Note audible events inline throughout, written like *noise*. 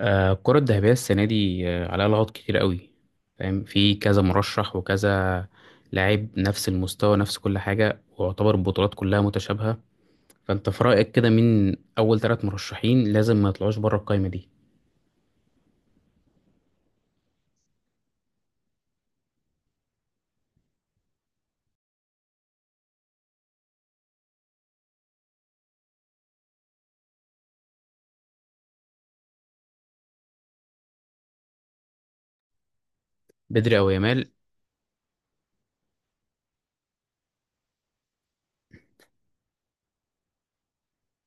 الكرة الذهبية السنة دي عليها لغط كتير قوي. فاهم، في كذا مرشح وكذا لاعب نفس المستوى، نفس كل حاجة، ويعتبر البطولات كلها متشابهة. فأنت في رأيك كده مين أول ثلاث مرشحين لازم ما يطلعوش بره القايمة دي؟ بدري أو يامال؟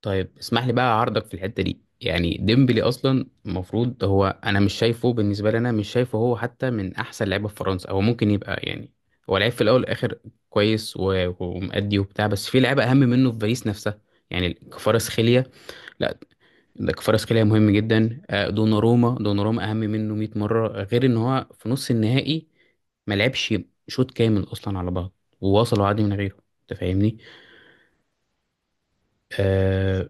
طيب اسمح لي بقى اعارضك في الحته دي. يعني ديمبلي اصلا المفروض هو، انا مش شايفه، بالنسبه لي انا مش شايفه هو حتى من احسن لعيبه في فرنسا. هو ممكن يبقى يعني، هو لعيب في الاول والاخر كويس ومأدي وبتاع، بس في لعيبه اهم منه في باريس نفسها. يعني كفاراتسخيليا. لا، ده كفاراتسخيليا مهم جدا. دوناروما، اهم منه 100 مره، غير ان هو في نص النهائي ما لعبش شوط كامل اصلا على بعض، ووصلوا عادي من غيره. انت فاهمني؟ آه،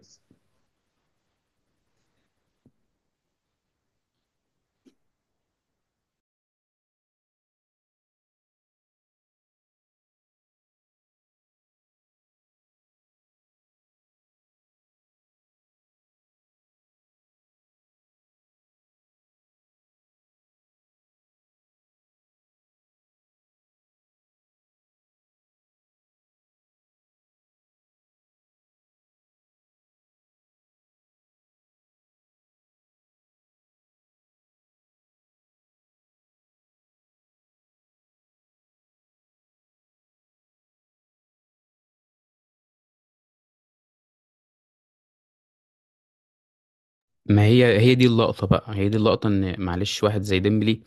ما هي دي اللقطة بقى، هي دي اللقطة ان معلش واحد زي ديمبلي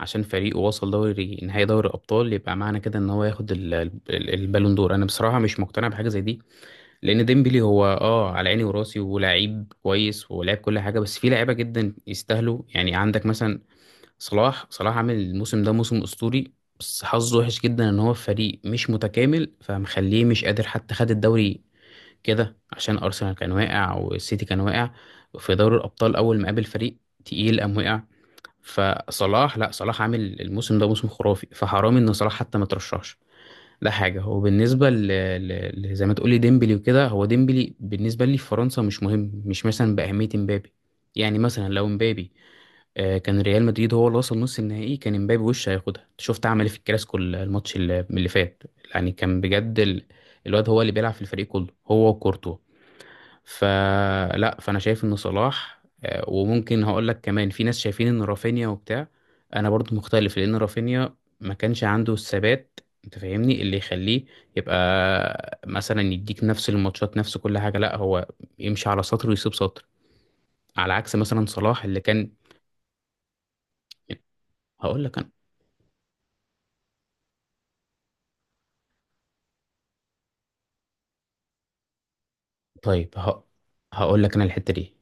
عشان فريقه وصل دوري نهائي دوري الأبطال، يبقى معنى كده ان هو ياخد البالون دور؟ انا بصراحة مش مقتنع بحاجة زي دي، لان ديمبلي هو على عيني وراسي ولاعيب كويس ولاعب كل حاجة، بس في لعيبة جدا يستاهلوا. يعني عندك مثلا صلاح. عامل الموسم ده موسم أسطوري، بس حظه وحش جدا ان هو في فريق مش متكامل فمخليه مش قادر حتى خد الدوري كده، عشان ارسنال كان واقع والسيتي كان واقع. في دوري الابطال اول ما قابل فريق تقيل قام وقع. فصلاح لا، صلاح عامل الموسم ده موسم خرافي، فحرام ان صلاح حتى ما ترشحش. ده حاجه. وبالنسبه زي ما تقولي ديمبلي وكده، هو ديمبلي بالنسبه لي في فرنسا مش مهم، مش مثلا باهميه امبابي. يعني مثلا لو امبابي كان ريال مدريد هو اللي وصل نص النهائي، كان امبابي وش هياخدها. شفت عمل إيه في الكلاسيكو الماتش اللي فات؟ يعني كان بجد الواد هو اللي بيلعب في الفريق كله، هو وكورتوا. فلا، فانا شايف ان صلاح، وممكن هقول لك كمان في ناس شايفين ان رافينيا وبتاع. انا برضو مختلف لان رافينيا ما كانش عنده الثبات، انت فاهمني؟ اللي يخليه يبقى مثلا يديك نفس الماتشات نفس كل حاجه. لا، هو يمشي على سطر ويسيب سطر، على عكس مثلا صلاح اللي كان. هقول لك انا طيب ه... هقول لك انا الحته دي.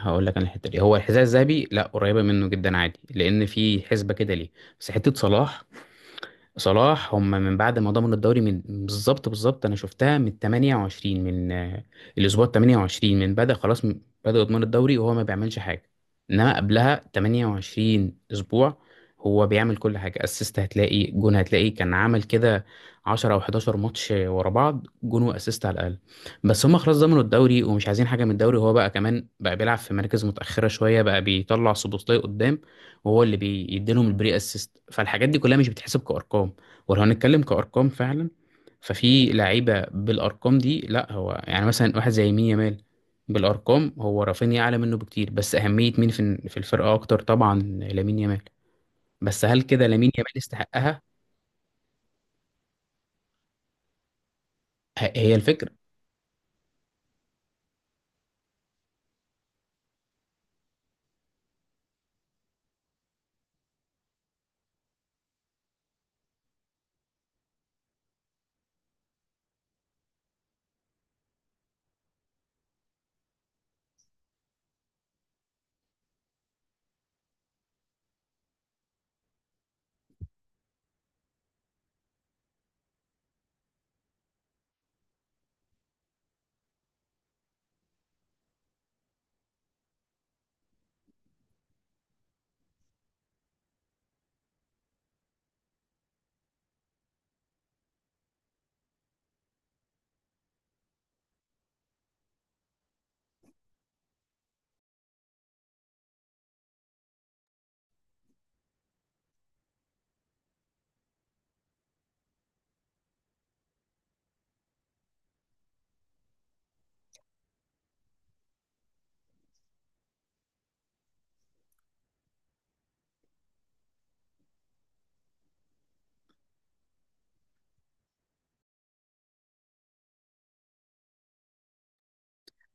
هو الحذاء الذهبي لا، قريبه منه جدا عادي، لان في حسبه كده ليه. بس حته صلاح، هم من بعد ما ضمنوا الدوري من بالظبط بالظبط انا شفتها من 28 من الاسبوع 28 من بدأ خلاص بدأوا يضمنوا الدوري وهو ما بيعملش حاجه. انما قبلها 28 اسبوع هو بيعمل كل حاجه، اسيست هتلاقي، جون هتلاقي، كان عمل كده 10 او 11 ماتش ورا بعض جون واسيست على الاقل. بس هم خلاص ضمنوا الدوري ومش عايزين حاجه من الدوري، هو بقى كمان بقى بيلعب في مراكز متاخره شويه، بقى بيطلع سوبوسلاي قدام وهو اللي بيديلهم البري اسيست. فالحاجات دي كلها مش بتحسب كارقام. ولو هنتكلم كارقام فعلا، ففي لعيبه بالارقام دي لا هو، يعني مثلا واحد زي مين؟ يامال. بالارقام هو رافينيا اعلى منه بكتير، بس اهميه مين في الفرقه اكتر؟ طبعا لامين يامال. بس هل كده لامين يامال يستحقها؟ هي الفكره.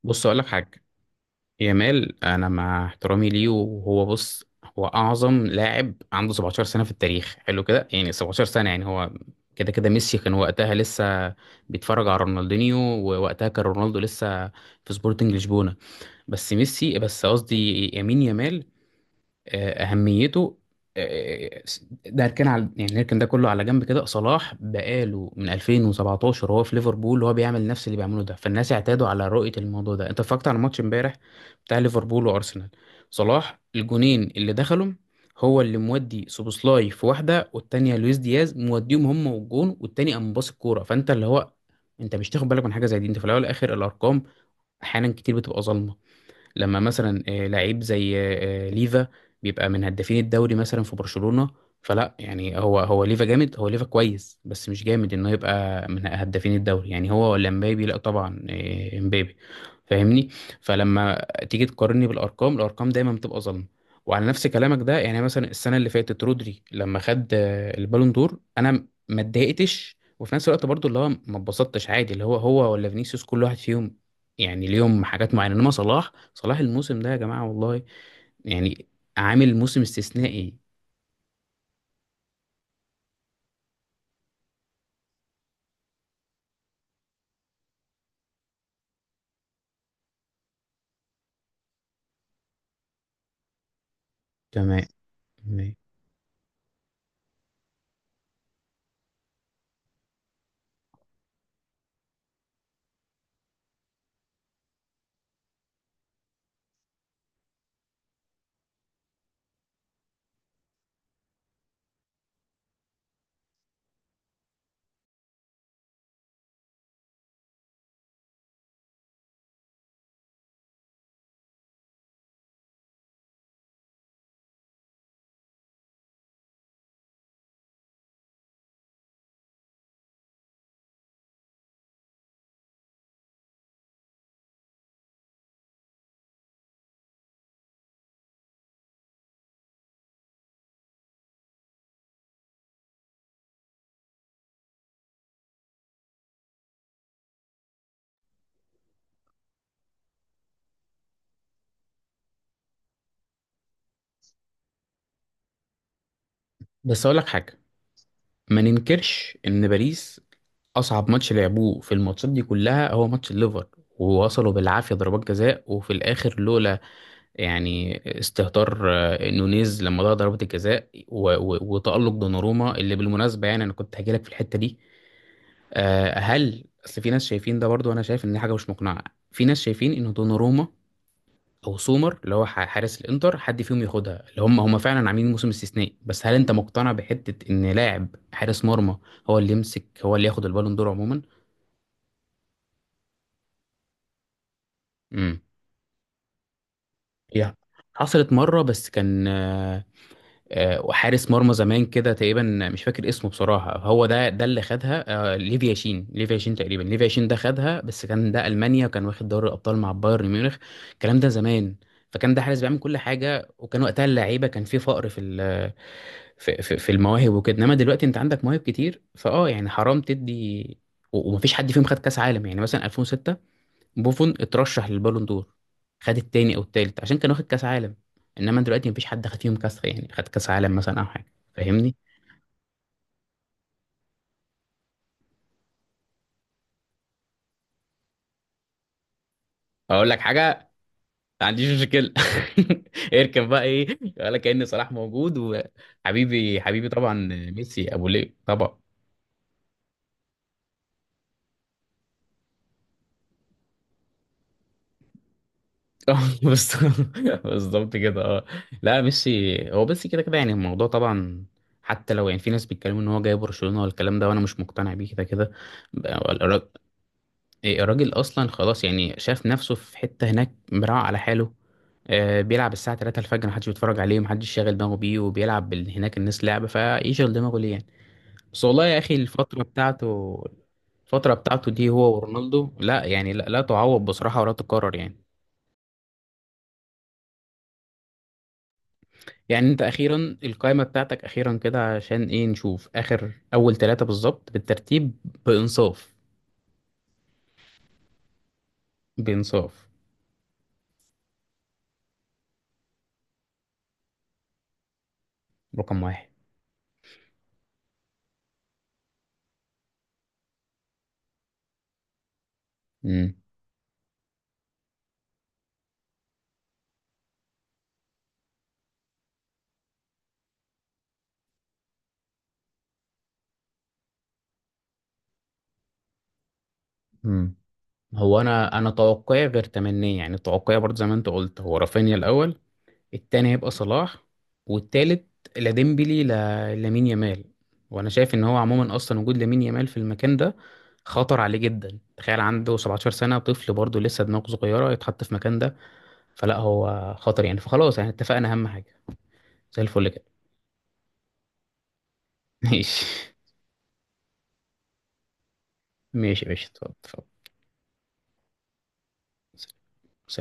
بص اقول لك حاجه، يامال انا مع احترامي ليه وهو بص، هو اعظم لاعب عنده 17 سنه في التاريخ. حلو كده. يعني 17 سنه، يعني هو كده كده ميسي كان وقتها لسه بيتفرج على رونالدينيو، ووقتها كان رونالدو لسه في سبورتنج لشبونه، بس ميسي بس قصدي. يمين يامال، اهميته، آه، ده هنركن على، يعني نركن ده كله على جنب كده. صلاح بقاله من 2017 وهو في ليفربول وهو بيعمل نفس اللي بيعمله ده، فالناس اعتادوا على رؤية الموضوع ده. انت اتفرجت على ماتش امبارح بتاع ليفربول وارسنال؟ صلاح الجونين اللي دخلهم، هو اللي مودي سوبوسلاي في واحدة والتانية لويس دياز، موديهم هم، والجون والتاني قام باص الكورة. فانت اللي هو، انت مش تاخد بالك من حاجة زي دي. انت في الاول والاخر الارقام احيانا كتير بتبقى ظالمة. لما مثلا لعيب زي ليفا بيبقى من هدافين الدوري مثلا في برشلونة، فلا يعني هو ليفا جامد. هو ليفا كويس، بس مش جامد انه يبقى من هدافين الدوري. يعني هو ولا مبابي؟ لا طبعا، مبابي. فاهمني؟ فلما تيجي تقارني بالارقام، الارقام دايما بتبقى ظلم. وعلى نفس كلامك ده، يعني مثلا السنه اللي فاتت رودري لما خد البالون دور، انا ما اتضايقتش، وفي نفس الوقت برضو اللي هو ما اتبسطتش عادي، اللي هو ولا فينيسيوس كل واحد فيهم يعني ليهم حاجات معينه. انما صلاح، الموسم ده يا جماعه والله يعني عامل موسم استثنائي. تمام. تمام. بس اقول لك حاجه، ما ننكرش ان باريس اصعب ماتش لعبوه في الماتشات دي كلها هو ماتش الليفر. ووصلوا بالعافيه، ضربات جزاء، وفي الاخر لولا يعني استهتار نونيز لما ضيع ضربه الجزاء وتالق دوناروما اللي بالمناسبه، يعني انا كنت هجيلك في الحته دي. هل اصل في ناس شايفين، ده برضو انا شايف ان دي حاجه مش مقنعه، في ناس شايفين ان دوناروما او سومر اللي هو حارس الانتر حد فيهم ياخدها، اللي هم فعلا عاملين موسم استثنائي. بس هل انت مقتنع بحته ان لاعب حارس مرمى هو اللي يمسك، هو اللي ياخد البالون دور عموما؟ امم. هي حصلت مره بس كان حارس مرمى زمان كده تقريبا، مش فاكر اسمه بصراحه. هو ده اللي خدها، ليفيا شين. تقريبا ليفيا شين ده خدها، بس كان ده المانيا وكان واخد دوري الابطال مع بايرن ميونخ. الكلام ده زمان، فكان ده حارس بيعمل كل حاجه، وكان وقتها اللعيبه كان في فقر في في المواهب وكده. انما دلوقتي انت عندك مواهب كتير يعني حرام تدي. ومفيش حد فيهم خد كاس عالم، يعني مثلا 2006 بوفون اترشح للبالون دور، خد التاني او التالت عشان كان واخد كاس عالم. انما دلوقتي مفيش حد خد فيهم كاس، يعني خد كاس عالم مثلا او حاجه، فاهمني؟ اقول لك حاجه، ما عنديش مشكله. *laughs* اركب بقى ايه، ولا كأن صلاح موجود؟ وحبيبي حبيبي طبعا، ميسي ابو ليه طبعا. اه. *laughs* بس بالظبط كده اه. لا ميسي هو بس كده كده يعني الموضوع طبعا، حتى لو يعني في ناس بيتكلموا ان هو جاي برشلونة والكلام ده وانا مش مقتنع بيه كده كده. بقى إيه، الراجل اصلا خلاص يعني، شاف نفسه في حتة هناك مراعي على حاله. بيلعب الساعة 3 الفجر محدش بيتفرج عليه، محدش شاغل دماغه بيه، وبيلعب هناك الناس لعبة، فيشغل دماغه ليه يعني؟ بس والله يا اخي الفترة بتاعته، دي هو ورونالدو لا يعني لا تعوض بصراحة ولا تكرر يعني. يعني انت اخيرا القائمه بتاعتك اخيرا كده عشان ايه نشوف اخر، اول ثلاثه بالظبط بالترتيب بانصاف. بانصاف. رقم واحد. امم. امم. هو انا، توقعي غير تمنيه، يعني توقعي برضه زي ما انت قلت هو رافينيا الاول. التاني هيبقى صلاح، والتالت لا ديمبلي، لا لامين يامال. وانا شايف ان هو عموما اصلا وجود لامين يامال في المكان ده خطر عليه جدا. تخيل عنده 17 سنه، طفل برضه لسه دماغه صغيره، يتحط في مكان ده. فلا، هو خطر يعني. فخلاص يعني اتفقنا. اهم حاجه زي الفل كده. *laughs* ماشي. ماشي. ماشي اتفضل، اتفضل.